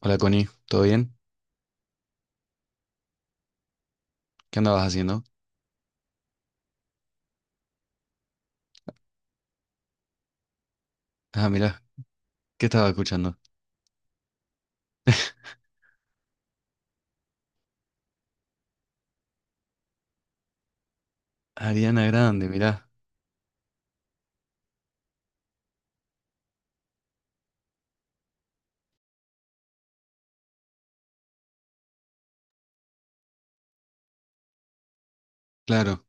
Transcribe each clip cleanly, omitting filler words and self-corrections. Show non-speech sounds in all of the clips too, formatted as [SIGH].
Hola Connie, ¿todo bien? ¿Qué andabas haciendo? Ah, mirá, ¿qué estaba escuchando? Ariana Grande, mirá. Claro,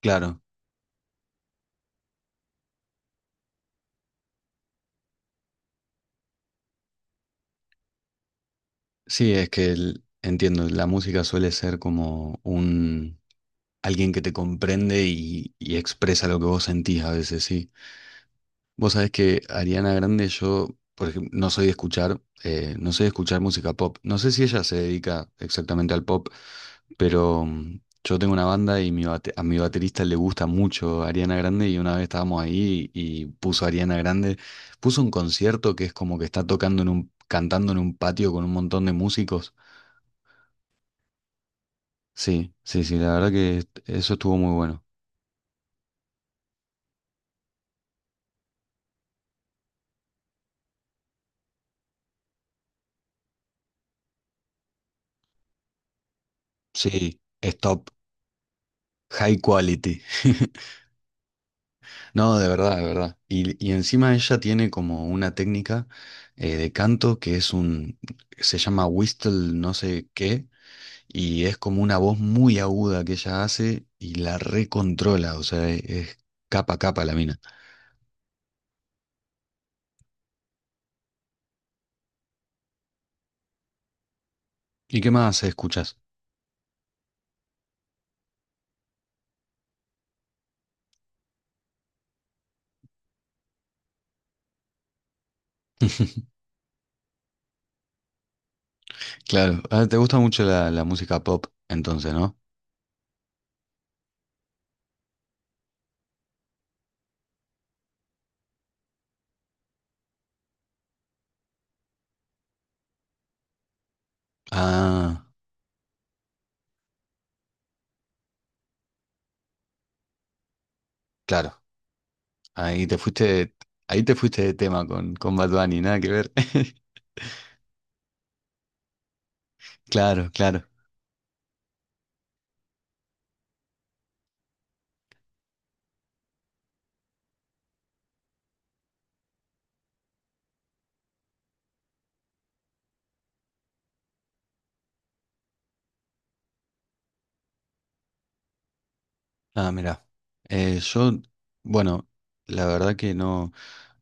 claro. Sí, es que entiendo, la música suele ser como un alguien que te comprende y expresa lo que vos sentís a veces, sí. Vos sabés que Ariana Grande, yo, por ejemplo, no soy de escuchar, no soy de escuchar música pop. No sé si ella se dedica exactamente al pop, pero yo tengo una banda y a mi baterista le gusta mucho Ariana Grande y una vez estábamos ahí y puso Ariana Grande, puso un concierto que es como que está tocando en un, cantando en un patio con un montón de músicos. Sí, sí, sí, la verdad que eso estuvo muy bueno. Sí, stop, high quality. [LAUGHS] No, de verdad, de verdad. Y encima ella tiene como una técnica de canto que se llama whistle no sé qué, y es como una voz muy aguda que ella hace y la recontrola, o sea, es, capa a capa la mina. ¿Y qué más escuchas? [LAUGHS] Claro, ah, te gusta mucho la música pop, entonces, ¿no? Ah, claro, ahí te fuiste, ahí te fuiste de tema con Bad Bunny, nada que ver. [LAUGHS] Claro, claro. Ah, mira, yo, bueno, la verdad que no,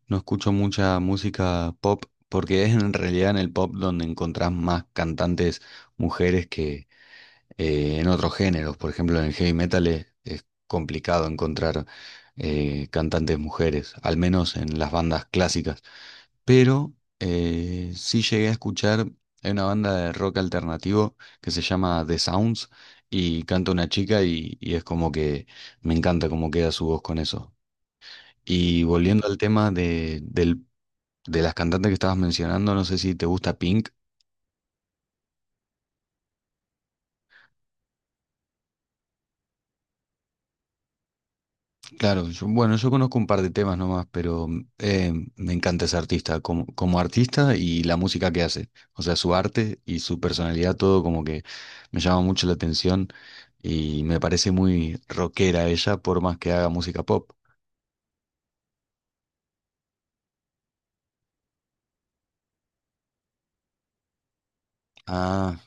no escucho mucha música pop porque es en realidad en el pop donde encontrás más cantantes mujeres que en otros géneros. Por ejemplo, en el heavy metal es complicado encontrar cantantes mujeres, al menos en las bandas clásicas. Pero sí llegué a escuchar, hay una banda de rock alternativo que se llama The Sounds y canta una chica y es como que me encanta cómo queda su voz con eso. Y volviendo al tema de de las cantantes que estabas mencionando, no sé si te gusta Pink. Claro, bueno, yo conozco un par de temas nomás, pero me encanta ese artista como, como artista y la música que hace. O sea, su arte y su personalidad, todo como que me llama mucho la atención y me parece muy rockera ella, por más que haga música pop. Ah,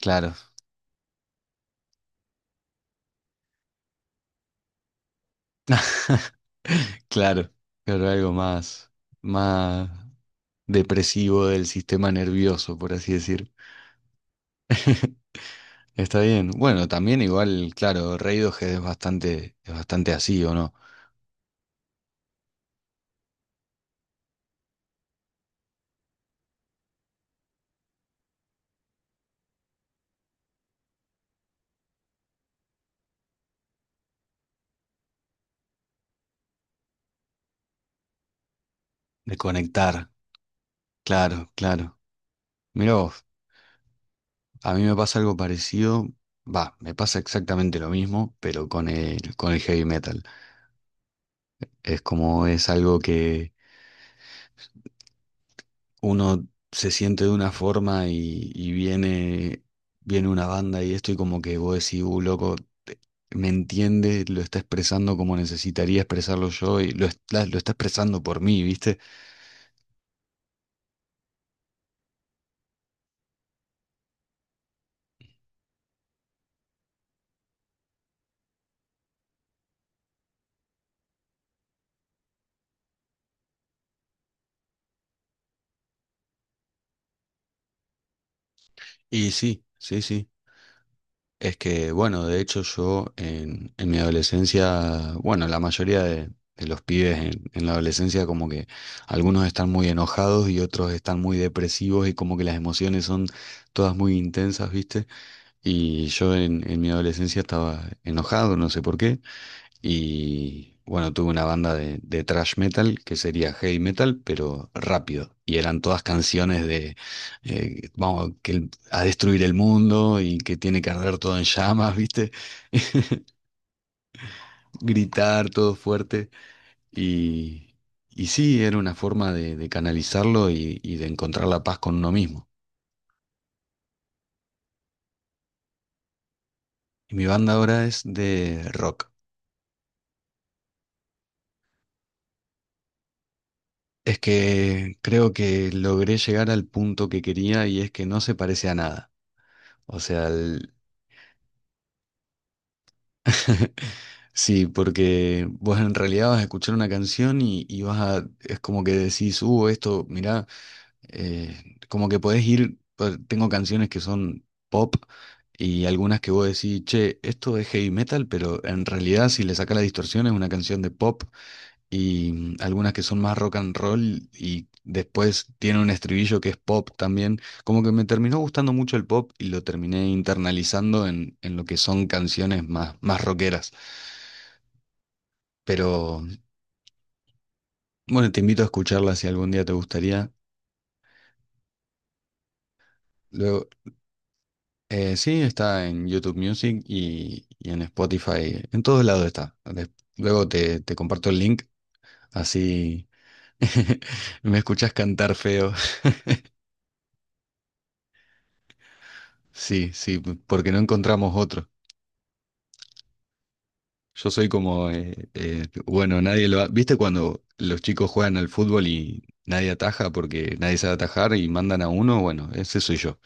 claro, [LAUGHS] claro, pero algo más, más depresivo del sistema nervioso, por así decir. [LAUGHS] Está bien. Bueno, también igual, claro, Radiohead es bastante así, ¿o no? De conectar, claro, claro. Mirá vos, a mí me pasa algo parecido, va, me pasa exactamente lo mismo, pero con el heavy metal. Es como es algo que uno se siente de una forma y viene, viene una banda y esto y como que vos decís, loco, te- me entiende, lo está expresando como necesitaría expresarlo yo y lo está expresando por mí, ¿viste? Y sí, sí, sí. Es que, bueno, de hecho yo en mi adolescencia, bueno, la mayoría de los pibes en la adolescencia como que algunos están muy enojados y otros están muy depresivos y como que las emociones son todas muy intensas, ¿viste? Y yo en mi adolescencia estaba enojado, no sé por qué, y bueno, tuve una banda de thrash metal que sería heavy metal, pero rápido. Y eran todas canciones de vamos que a destruir el mundo y que tiene que arder todo en llamas, ¿viste? [LAUGHS] Gritar todo fuerte. Y, y sí, era una forma de canalizarlo y de encontrar la paz con uno mismo. Y mi banda ahora es de rock. Es que creo que logré llegar al punto que quería y es que no se parece a nada. O sea, el- [LAUGHS] Sí, porque vos en realidad vas a escuchar una canción y vas a, es como que decís, esto, mirá, como que podés ir, tengo canciones que son pop y algunas que vos decís, che, esto es heavy metal, pero en realidad si le sacás la distorsión es una canción de pop y algunas que son más rock and roll y después tiene un estribillo que es pop también, como que me terminó gustando mucho el pop y lo terminé internalizando en lo que son canciones más, más rockeras. Pero bueno, te invito a escucharla si algún día te gustaría. Luego, sí, está en YouTube Music y en Spotify. En todos lados está. Des- Luego te, te comparto el link, así [LAUGHS] me escuchas cantar feo. [LAUGHS] Sí, sí, porque no encontramos otro. Yo soy como, bueno, nadie lo ha... ¿Viste cuando los chicos juegan al fútbol y nadie ataja porque nadie sabe atajar y mandan a uno? Bueno, ese soy yo.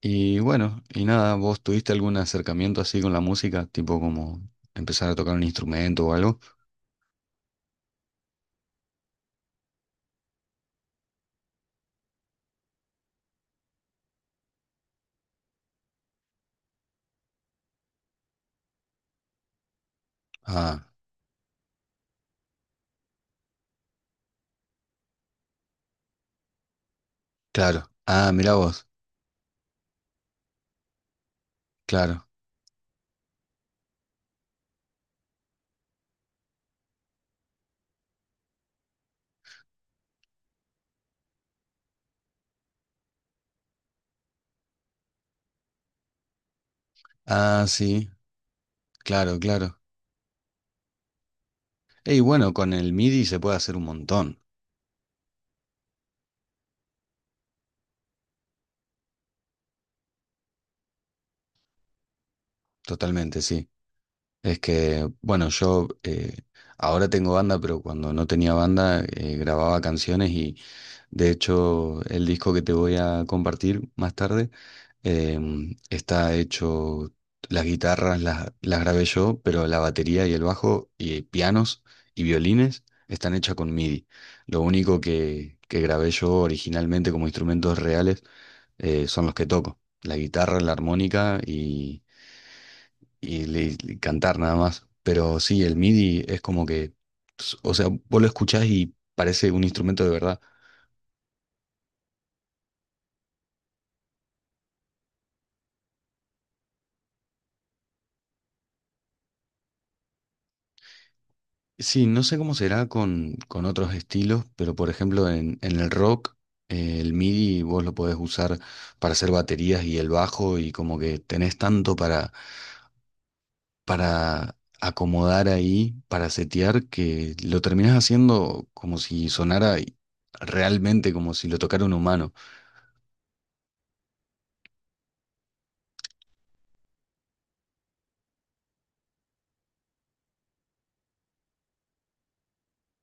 Y bueno, y nada, ¿vos tuviste algún acercamiento así con la música? Tipo como empezar a tocar un instrumento o algo. Ah, claro. Ah, mirá vos. Claro. Ah, sí. Claro, claro. Y bueno, con el MIDI se puede hacer un montón. Totalmente, sí. Es que, bueno, yo ahora tengo banda, pero cuando no tenía banda grababa canciones y de hecho, el disco que te voy a compartir más tarde está hecho, las guitarras las grabé yo, pero la batería y el bajo y pianos y violines están hechas con MIDI. Lo único que grabé yo originalmente como instrumentos reales son los que toco, la guitarra, la armónica y y cantar nada más. Pero sí, el MIDI es como que, o sea, vos lo escuchás y parece un instrumento de verdad. Sí, no sé cómo será con otros estilos, pero por ejemplo en el rock, el MIDI vos lo podés usar para hacer baterías y el bajo y como que tenés tanto para acomodar ahí, para setear, que lo terminás haciendo como si sonara realmente como si lo tocara un humano.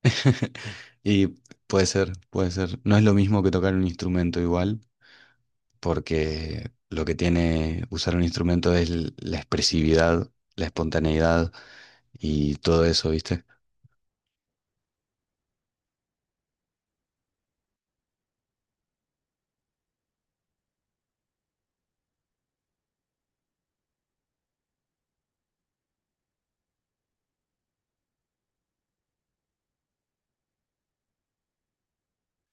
[LAUGHS] Y puede ser, puede ser. No es lo mismo que tocar un instrumento igual, porque lo que tiene usar un instrumento es la expresividad, la espontaneidad y todo eso, ¿viste?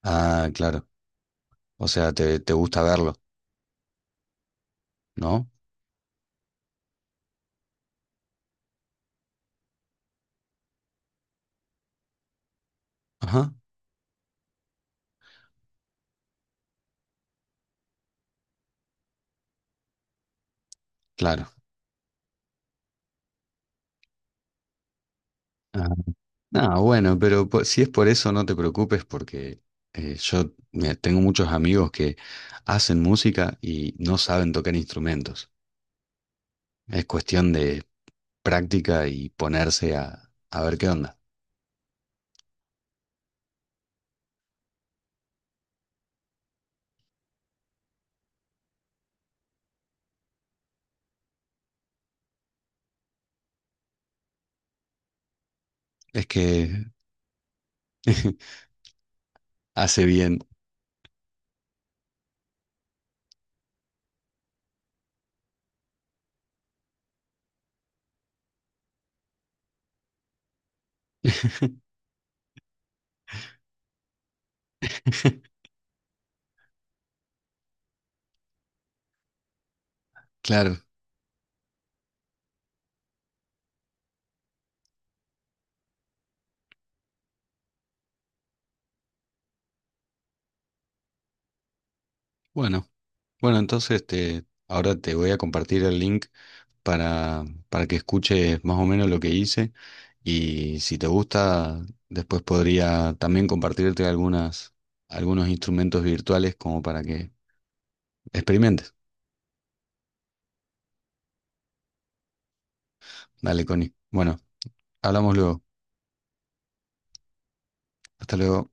Ah, claro. O sea, te gusta verlo, ¿no? Ajá, claro. Ah, ah, bueno, pero si es por eso, no te preocupes porque yo mira, tengo muchos amigos que hacen música y no saben tocar instrumentos. Es cuestión de práctica y ponerse a ver qué onda. Es que [LAUGHS] hace bien. [LAUGHS] Claro, bueno, bueno, entonces te, ahora te voy a compartir el link para que escuches más o menos lo que hice y si te gusta, después podría también compartirte algunas, algunos instrumentos virtuales como para que experimentes. Dale, Connie. Bueno, hablamos luego. Hasta luego.